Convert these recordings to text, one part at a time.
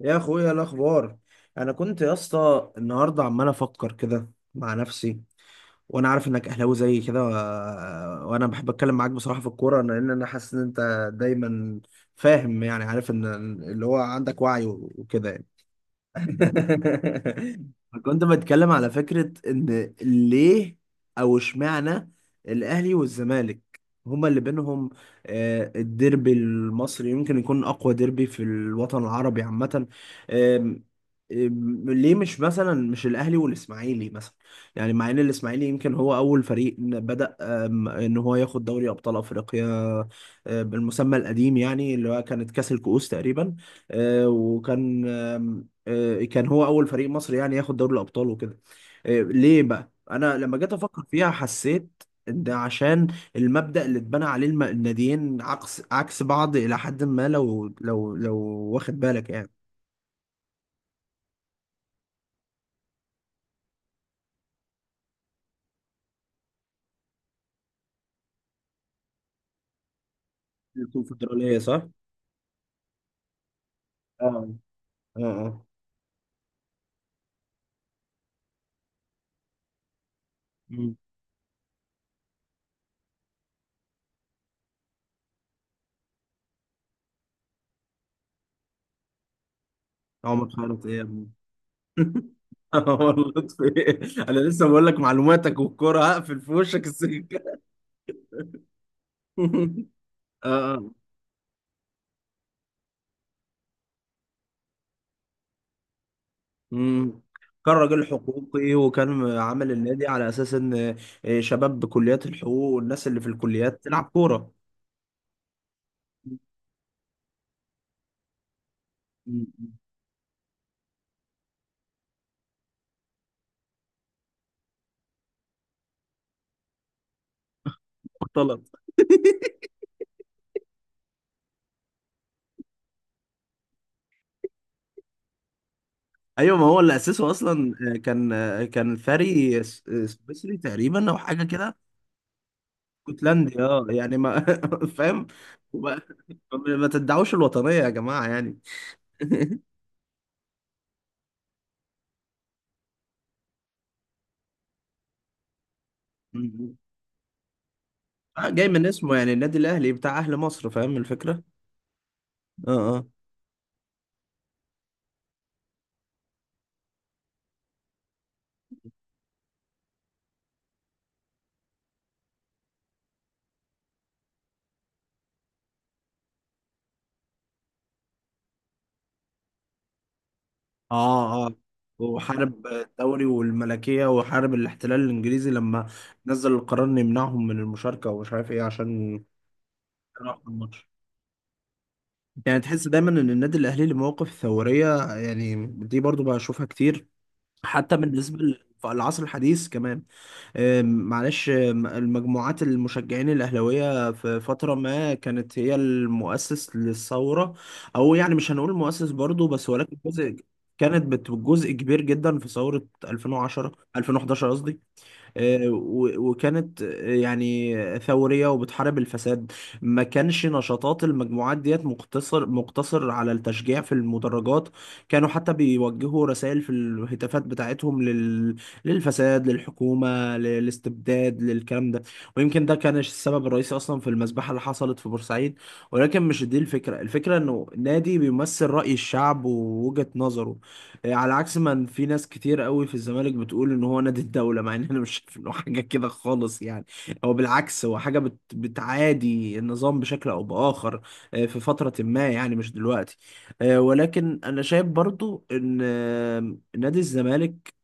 يا اخويا، إيه الاخبار؟ انا كنت يا اسطى النهارده عمال افكر كده مع نفسي، وانا عارف انك اهلاوي زي كده. وانا بحب اتكلم معاك بصراحه في الكوره، لان انا حاسس ان انت دايما فاهم، يعني عارف ان اللي هو عندك وعي وكده يعني. كنت بتكلم على فكرة إن ليه أو اشمعنى الأهلي والزمالك هما اللي بينهم، الديربي المصري يمكن يكون أقوى ديربي في الوطن العربي عامة. آم، آم، ليه مش مثلا، مش الأهلي والإسماعيلي مثلا؟ يعني مع إن الإسماعيلي يمكن هو أول فريق بدأ، إن هو ياخد دوري أبطال أفريقيا، بالمسمى القديم، يعني اللي هو كانت كأس الكؤوس تقريبا. آه، وكان آه، كان هو اول فريق مصري يعني ياخد دوري الابطال وكده. ليه بقى انا لما جيت افكر فيها، حسيت ان ده عشان المبدأ اللي اتبنى عليه الناديين عكس بعض الى حد ما، لو واخد بالك يعني. الكونفدرالية صح. اه اه اه. مم. عمر خيرت ايه يا ابني؟ عمر لطفي إيه؟ انا لسه بقول لك معلوماتك، والكوره هقفل في وشك السكه. اه. مم. كان راجل حقوقي، وكان عامل النادي على اساس ان شباب بكليات الحقوق والناس اللي في الكليات تلعب كوره. مم. اختلط. ايوه، ما هو اللي اسسه اصلا، آه، كان آه، كان فري س- آه، سويسري تقريبا او حاجه كده. اسكتلندي، اه، يعني ما فاهم. وما- ما تدعوش الوطنيه يا جماعه يعني. مم. جاي من اسمه يعني، النادي الاهلي بتاع اهل مصر، فاهم الفكره. اه. آه. اه اه. وحارب الدوري والملكية، وحارب الاحتلال الانجليزي لما نزل القرار انه يمنعهم من المشاركة ومش عارف ايه، عشان يلعبوا في الماتش. يعني تحس دايما ان النادي الاهلي له مواقف ثورية، يعني دي برضو بشوفها كتير، حتى بالنسبة للعصر الحديث كمان. أم، معلش أم، المجموعات المشجعين الأهلاوية في فترة ما كانت هي المؤسس للثورة، أو يعني مش هنقول المؤسس برضو، بس ولكن جزء، جزء كبير جدا في ثورة 2010 2011 قصدي. وكانت يعني ثورية وبتحارب الفساد. ما كانش نشاطات المجموعات ديت مقتصر على التشجيع في المدرجات، كانوا حتى بيوجهوا رسائل في الهتافات بتاعتهم للفساد، للحكومة، للاستبداد، للكلام ده. ويمكن ده كان السبب الرئيسي أصلا في المذبحة اللي حصلت في بورسعيد. ولكن مش دي الفكرة، الفكرة إنه نادي بيمثل رأي الشعب ووجهة نظره، على عكس ما في ناس كتير قوي في الزمالك بتقول ان هو نادي الدولة، مع ان انا مش شايف انه حاجة كده خالص يعني. هو بالعكس، هو حاجة بتعادي النظام بشكل او باخر، في فترة ما يعني، مش دلوقتي. ولكن انا شايف برضو ان نادي الزمالك،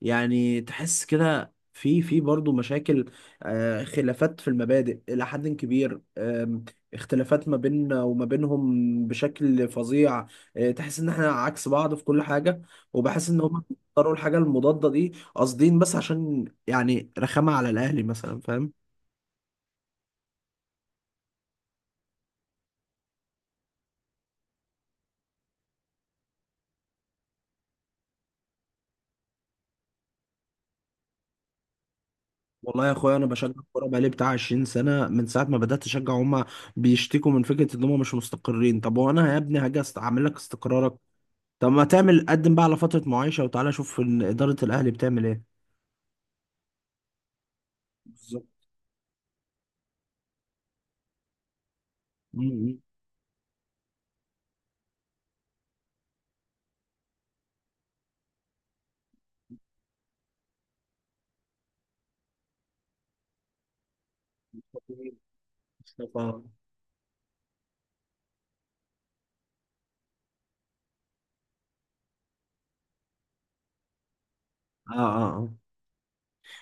يعني تحس كده في برضه مشاكل، خلافات في المبادئ إلى حد كبير، اختلافات ما بيننا وما بينهم بشكل فظيع. تحس إن إحنا عكس بعض في كل حاجة، وبحس إن هم اختاروا الحاجة المضادة دي قاصدين، بس عشان يعني رخامة على الأهلي مثلا، فاهم. والله يا اخويا، انا بشجع الكوره بقالي بتاع 20 سنه، من ساعه ما بدات اشجع هما بيشتكوا من فكره ان هما مش مستقرين. طب وانا يا ابني هاجي اعمل لك استقرارك؟ طب ما تعمل قدم بقى على فترة معايشة، وتعالى شوف إن إدارة الأهلي بتعمل إيه. بالظبط. مم. مصطفى. اه اه اه.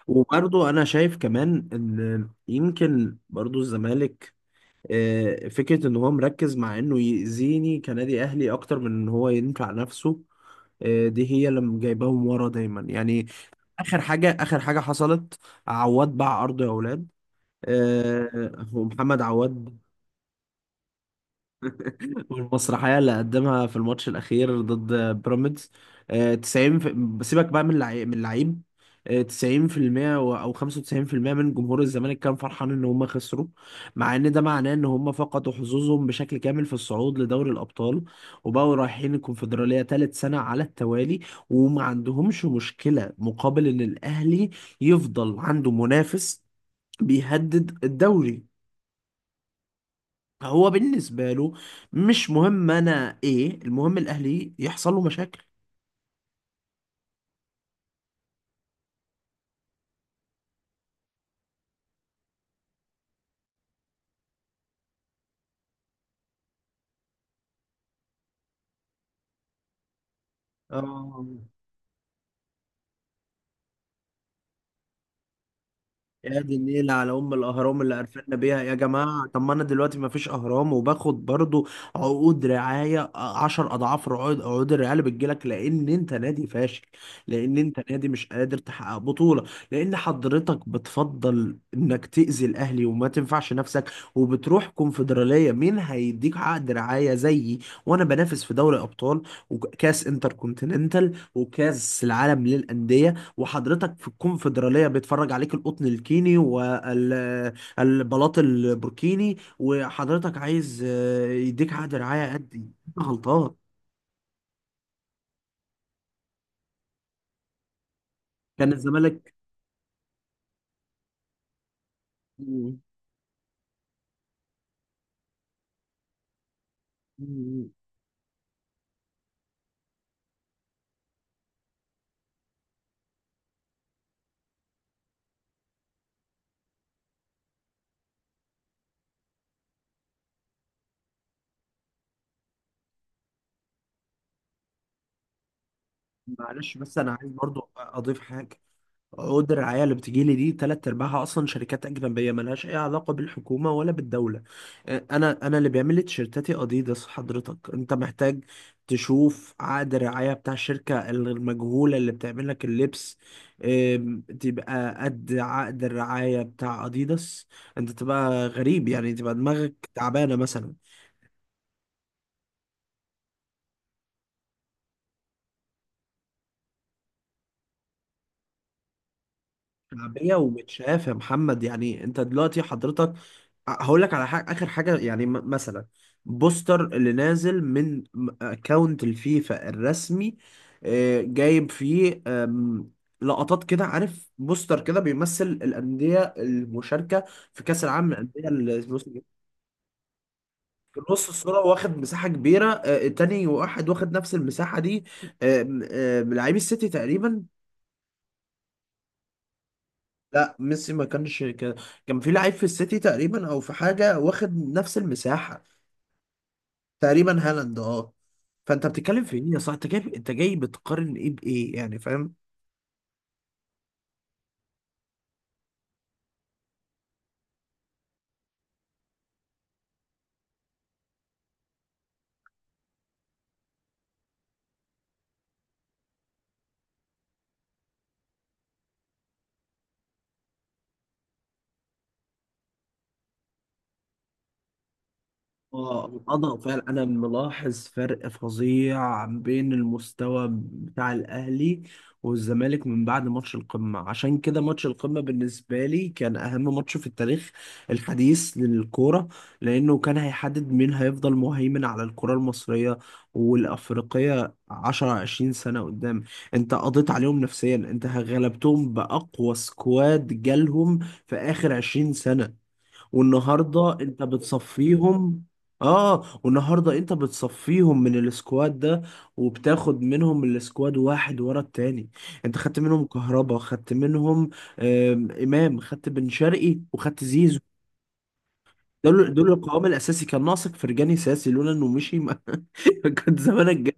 وبرضو انا شايف كمان ان يمكن برضو الزمالك، فكرة ان هو مركز مع انه يأذيني كنادي اهلي اكتر من ان هو ينفع نفسه، دي هي اللي جايباهم ورا دايما يعني. اخر حاجة حصلت، عواد باع ارضه يا اولاد. ومحمد عواد والمسرحية اللي قدمها في الماتش الأخير ضد بيراميدز. بسيبك بقى من اللعيب. 90% أو 95% من جمهور الزمالك كان فرحان إن هم خسروا، مع إن ده معناه إن هم فقدوا حظوظهم بشكل كامل في الصعود لدوري الأبطال، وبقوا رايحين الكونفدرالية تالت سنة على التوالي، وما عندهمش مشكلة، مقابل إن الأهلي يفضل عنده منافس بيهدد الدوري. هو بالنسبة له مش مهم أنا إيه، المهم الأهلي يحصل له مشاكل. اه. يا دي النيلة على أم الأهرام اللي قرفنا بيها يا جماعة. طب ما أنا دلوقتي ما فيش أهرام، وباخد برضو عقود رعاية عشر أضعاف عقود الرعاية اللي بتجيلك، لأن أنت نادي فاشل، لأن أنت نادي مش قادر تحقق بطولة، لأن حضرتك بتفضل إنك تأذي الأهلي وما تنفعش نفسك. وبتروح كونفدرالية، مين هيديك عقد رعاية زيي؟ وأنا بنافس في دوري أبطال وكأس انتر كونتيننتال وكأس العالم للأندية، وحضرتك في الكونفدرالية بيتفرج عليك القطن الكيني والبلاط البوركيني، وحضرتك عايز يديك عقد رعاية قد ايه؟ أنت غلطان. كان الزمالك. معلش، بس انا عايز برضو اضيف حاجة، اوردر الرعايه اللي بتجيلي دي تلات ارباعها اصلا شركات اجنبيه ملهاش اي علاقه بالحكومه ولا بالدوله. انا اللي بيعمل لي تيشيرتاتي اديداس، حضرتك انت محتاج تشوف عقد الرعايه بتاع الشركه المجهوله اللي بتعمل لك اللبس، تبقى قد عقد الرعايه بتاع اديداس. انت تبقى غريب يعني، تبقى دماغك تعبانه مثلا. شعبيه ومتشاف يا محمد، يعني انت دلوقتي حضرتك هقول لك على حاجة، آخر حاجة يعني، مثلا بوستر اللي نازل من اكونت الفيفا الرسمي، جايب فيه لقطات كده، عارف بوستر كده بيمثل الأندية المشاركة في كأس العالم للأندية الموسم الجاي. في نص الصورة، واخد مساحة كبيرة. تاني واحد واخد نفس المساحة دي، آم، آم، لعيب السيتي تقريبا. لا، ميسي ما كانش كده. كان في لعيب في السيتي تقريبا او في حاجة واخد نفس المساحة. تقريبا هالاند. اه. فانت بتتكلم في ايه يا صاحبي؟ انت جاي بتقارن ايه بايه يعني، فاهم. اه، الوضع فعلا انا ملاحظ فرق فظيع بين المستوى بتاع الاهلي والزمالك من بعد ماتش القمه، عشان كده ماتش القمه بالنسبه لي كان اهم ماتش في التاريخ الحديث للكوره، لانه كان هيحدد مين هيفضل مهيمن على الكره المصريه والافريقيه 10 20 سنه قدام. انت قضيت عليهم نفسيا، انت غلبتهم باقوى سكواد جالهم في اخر 20 سنه، والنهارده انت بتصفيهم. اه، والنهارده انت بتصفيهم من السكواد ده، وبتاخد منهم السكواد واحد ورا التاني. انت خدت منهم كهربا، خدت منهم امام، خدت بن شرقي، وخدت زيزو. دول القوام الاساسي. كان ناقصك فرجاني ساسي، لولا انه مشي ما كنت زمانك جاي.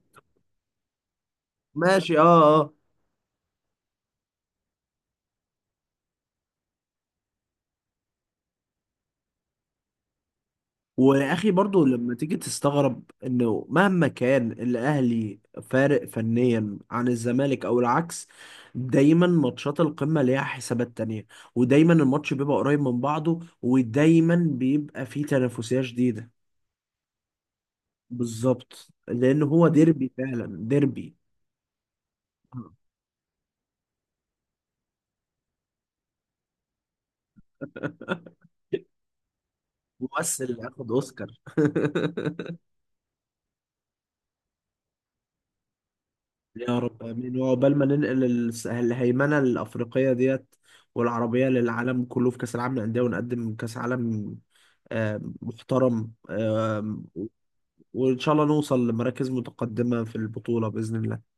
ماشي، اه اه. ويا اخي برضو لما تيجي تستغرب انه مهما كان الاهلي فارق فنيا عن الزمالك او العكس، دايما ماتشات القمة ليها حسابات تانية، ودايما الماتش بيبقى قريب من بعضه، ودايما بيبقى فيه تنافسية شديدة. بالظبط، لان هو ديربي فعلا ديربي. ممثل اللي اخد اوسكار. يا رب امين، وعقبال ما ننقل الهيمنه الافريقيه ديت والعربيه للعالم كله في كاس العالم للانديه، ونقدم كاس عالم محترم. وان شاء الله نوصل لمراكز متقدمه في البطوله باذن الله.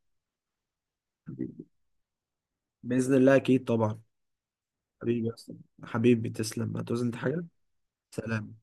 باذن الله اكيد طبعا. حبيبي يا أسطى. حبيبي تسلم، هتعوز انت حاجه؟ سلام.